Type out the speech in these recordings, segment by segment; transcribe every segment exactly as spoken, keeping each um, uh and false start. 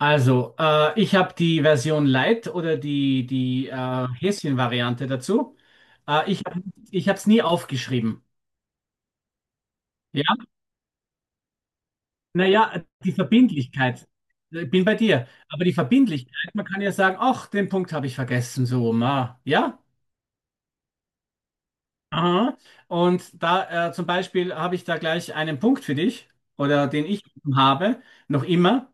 Also, äh, ich habe die Version Lite oder die, die äh, Häschen-Variante dazu. Äh, ich hab, ich habe es nie aufgeschrieben. Ja, naja, die Verbindlichkeit. Ich bin bei dir. Aber die Verbindlichkeit, man kann ja sagen, ach, den Punkt habe ich vergessen, so, ma. Ja? Aha. Und da äh, zum Beispiel habe ich da gleich einen Punkt für dich, oder den ich habe, noch immer,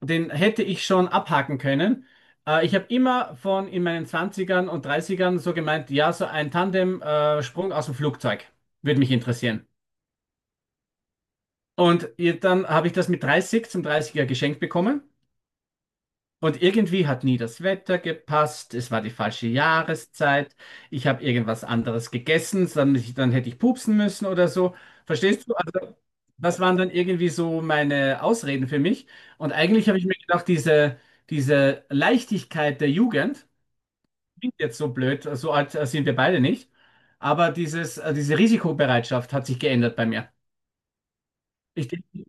den hätte ich schon abhaken können. Äh, ich habe immer von in meinen Zwanzigern und Dreißigern so gemeint, ja, so ein Tandem-Sprung aus dem Flugzeug würde mich interessieren. Und ihr- dann habe ich das mit dreißig zum dreißiger geschenkt bekommen. Und irgendwie hat nie das Wetter gepasst, es war die falsche Jahreszeit, ich habe irgendwas anderes gegessen, dann, dann hätte ich pupsen müssen oder so. Verstehst du? Also, das waren dann irgendwie so meine Ausreden für mich. Und eigentlich habe ich mir gedacht, diese, diese Leichtigkeit der Jugend, klingt jetzt so blöd, so alt äh, sind wir beide nicht, aber dieses, äh, diese Risikobereitschaft hat sich geändert bei mir. Ich denke,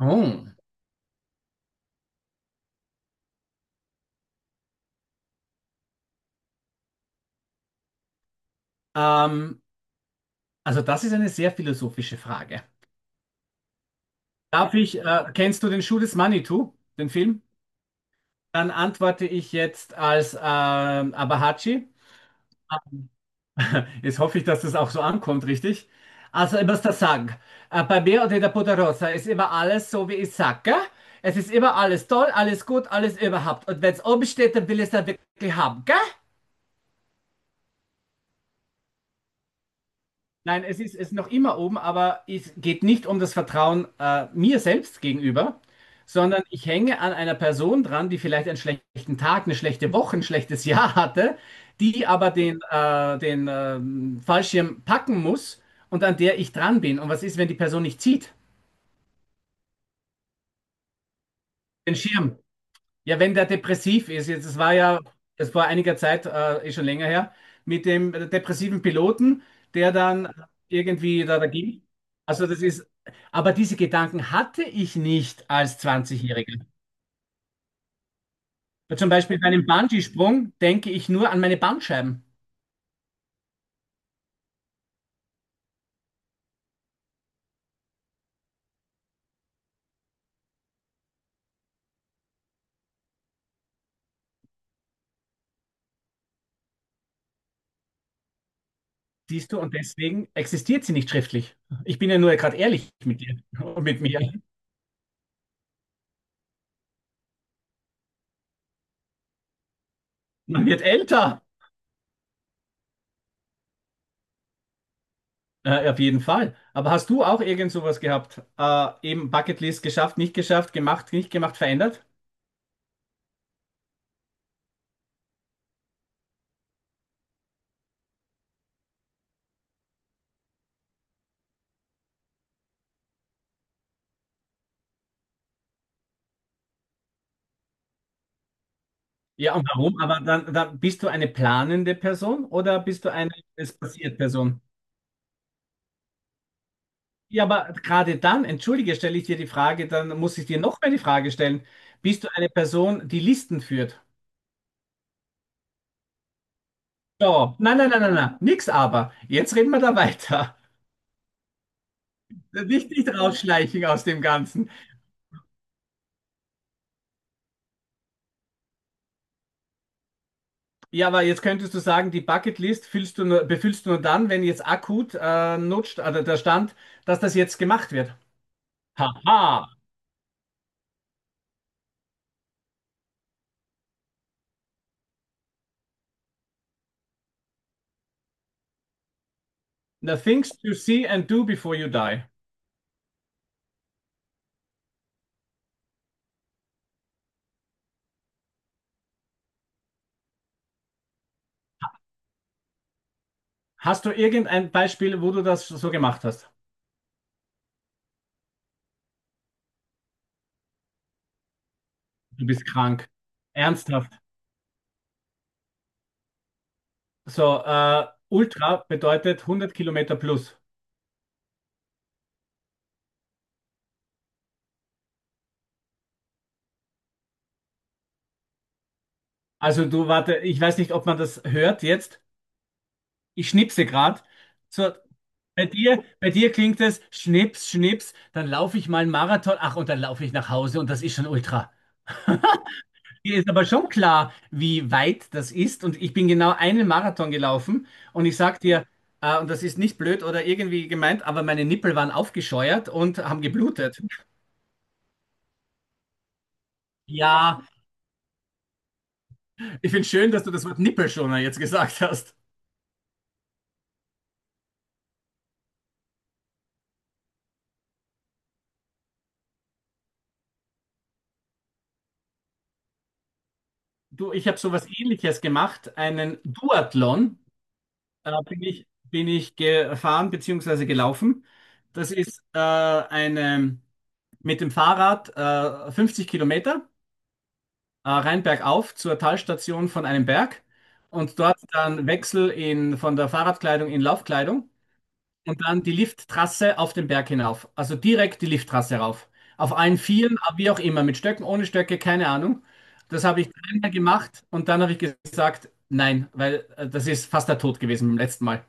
oh, ähm, also das ist eine sehr philosophische Frage. Darf ich, äh, kennst du den Schuh des Manitou, den Film? Dann antworte ich jetzt als ähm, Abahachi. Jetzt hoffe ich, dass das auch so ankommt, richtig? Also immer das Sagen. Äh, bei mir oder der Poderosa ist immer alles so, wie ich sage. Es ist immer alles toll, alles gut, alles überhaupt. Und wenn es oben steht, dann will ich es dann wirklich haben. Nein, es ist, es ist noch immer oben, aber es geht nicht um das Vertrauen äh, mir selbst gegenüber, sondern ich hänge an einer Person dran, die vielleicht einen schlechten Tag, eine schlechte Woche, ein schlechtes Jahr hatte, die aber den, äh, den ähm, Fallschirm packen muss und an der ich dran bin. Und was ist, wenn die Person nicht zieht? Den Schirm. Ja, wenn der depressiv ist, jetzt, es war ja, es war einiger Zeit, äh, ist schon länger her, mit dem depressiven Piloten, der dann irgendwie da, da ging. Also das ist, aber diese Gedanken hatte ich nicht als zwanzig-Jähriger. Zum Beispiel bei einem Bungee-Sprung denke ich nur an meine Bandscheiben, siehst du, und deswegen existiert sie nicht schriftlich. Ich bin ja nur gerade ehrlich mit dir und mit mir. Man wird älter. Äh, auf jeden Fall. Aber hast du auch irgend sowas gehabt? Äh, eben Bucketlist geschafft, nicht geschafft, gemacht, nicht gemacht, verändert? Ja, und warum? Aber dann, dann bist du eine planende Person oder bist du eine es passiert Person? Ja, aber gerade dann, entschuldige, stelle ich dir die Frage, dann muss ich dir noch mehr die Frage stellen. Bist du eine Person, die Listen führt? Ja, nein, nein, nein, nein, nein, nix aber. Jetzt reden wir da weiter. Nicht, nicht rausschleichen aus dem Ganzen. Ja, aber jetzt könntest du sagen, die Bucketlist füllst du nur, befüllst du nur dann, wenn jetzt akut äh, nutzt, also der Stand, dass das jetzt gemacht wird. Haha, the things to see and do before you die. Hast du irgendein Beispiel, wo du das so gemacht hast? Du bist krank. Ernsthaft. So, äh, Ultra bedeutet hundert Kilometer plus. Also du, warte, ich weiß nicht, ob man das hört jetzt. Ich schnipse gerade. So, Bei dir, bei dir klingt es Schnips, Schnips, dann laufe ich mal einen Marathon, ach, und dann laufe ich nach Hause und das ist schon Ultra. Mir ist aber schon klar, wie weit das ist und ich bin genau einen Marathon gelaufen und ich sag dir, äh, und das ist nicht blöd oder irgendwie gemeint, aber meine Nippel waren aufgescheuert und haben geblutet. Ja, ich finde schön, dass du das Wort Nippelschoner jetzt gesagt hast. Du, ich habe sowas Ähnliches gemacht, einen Duathlon, äh, bin ich, bin ich gefahren bzw. gelaufen. Das ist äh, eine, mit dem Fahrrad äh, fünfzig Kilometer äh, rein bergauf zur Talstation von einem Berg und dort dann Wechsel in, von der Fahrradkleidung in Laufkleidung und dann die Lifttrasse auf den Berg hinauf. Also direkt die Lifttrasse rauf. Auf allen Vieren, wie auch immer, mit Stöcken, ohne Stöcke, keine Ahnung. Das habe ich dreimal gemacht und dann habe ich gesagt, nein, weil äh, das ist fast der Tod gewesen beim letzten Mal.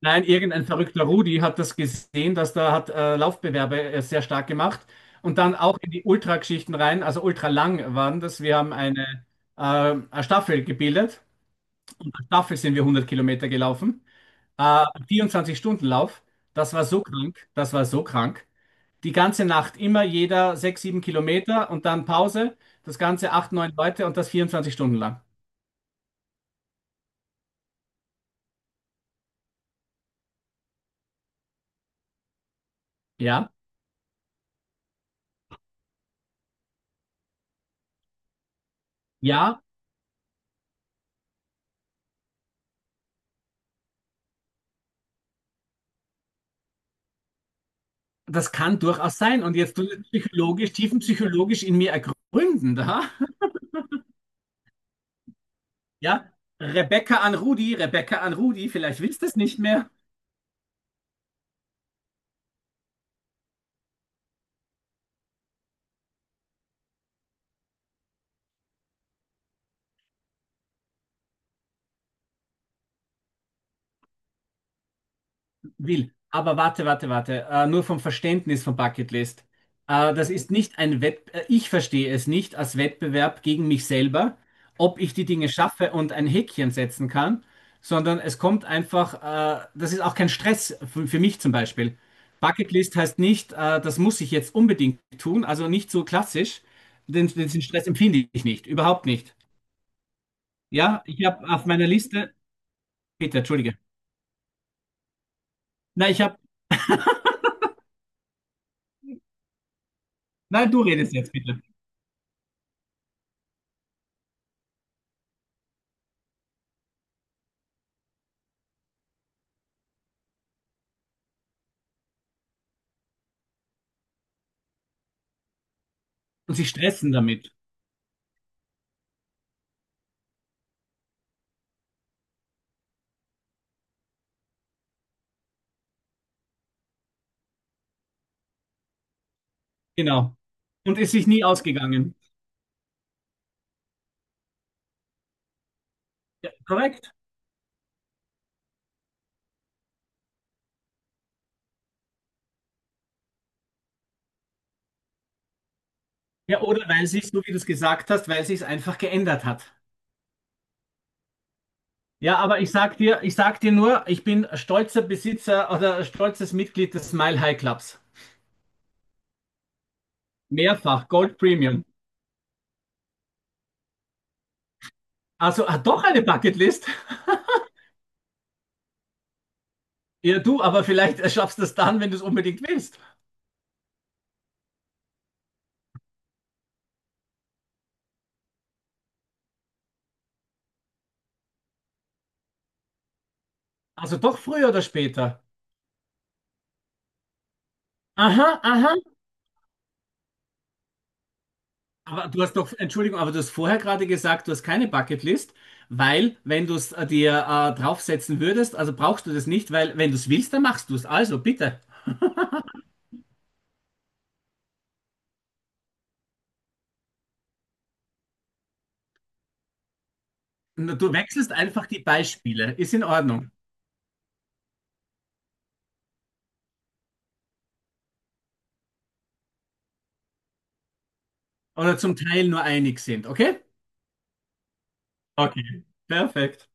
Nein, irgendein verrückter Rudi hat das gesehen, dass da hat äh, Laufbewerbe äh, sehr stark gemacht und dann auch in die Ultrageschichten rein, also ultralang waren das. Wir haben eine, äh, eine Staffel gebildet und als Staffel sind wir hundert Kilometer gelaufen. Äh, vierundzwanzig-Stunden-Lauf, das war so krank, das war so krank. Die ganze Nacht immer jeder sechs sieben Kilometer und dann Pause, das Ganze acht neun Leute und das vierundzwanzig Stunden lang. Ja, ja, das kann durchaus sein. Und jetzt tut es psychologisch, tiefenpsychologisch in mir ergründen, da. Ja, Rebecca an Rudi, Rebecca an Rudi, vielleicht willst du es nicht mehr. Will. Aber warte, warte, warte. Äh, nur vom Verständnis von Bucketlist. Äh, das ist nicht ein Wett, äh, Ich verstehe es nicht als Wettbewerb gegen mich selber, ob ich die Dinge schaffe und ein Häkchen setzen kann, sondern es kommt einfach, äh, das ist auch kein Stress für, für mich zum Beispiel. Bucketlist heißt nicht, äh, das muss ich jetzt unbedingt tun, also nicht so klassisch. Den, den Stress empfinde ich nicht, überhaupt nicht. Ja, ich habe auf meiner Liste, bitte, entschuldige. Nein, ich habe, nein, du redest jetzt bitte. Und sie stressen damit. Genau. Und es ist nie ausgegangen. Korrekt? Ja, oder weil sich, so wie du es gesagt hast, weil sich es einfach geändert hat. Ja, aber ich sag dir, ich sag dir nur, ich bin stolzer Besitzer oder stolzes Mitglied des Mile High Clubs. Mehrfach, Gold Premium. Also ah, doch eine Bucketlist. Ja, du, aber vielleicht äh, schaffst du es dann, wenn du es unbedingt willst. Also doch früher oder später. Aha, aha. Aber du hast noch, Entschuldigung, aber du hast vorher gerade gesagt, du hast keine Bucketlist, weil wenn du es dir äh, draufsetzen würdest, also brauchst du das nicht, weil wenn du es willst, dann machst du es. Also bitte. Na, Du wechselst einfach die Beispiele. Ist in Ordnung. Oder zum Teil nur einig sind, okay? Okay, perfekt.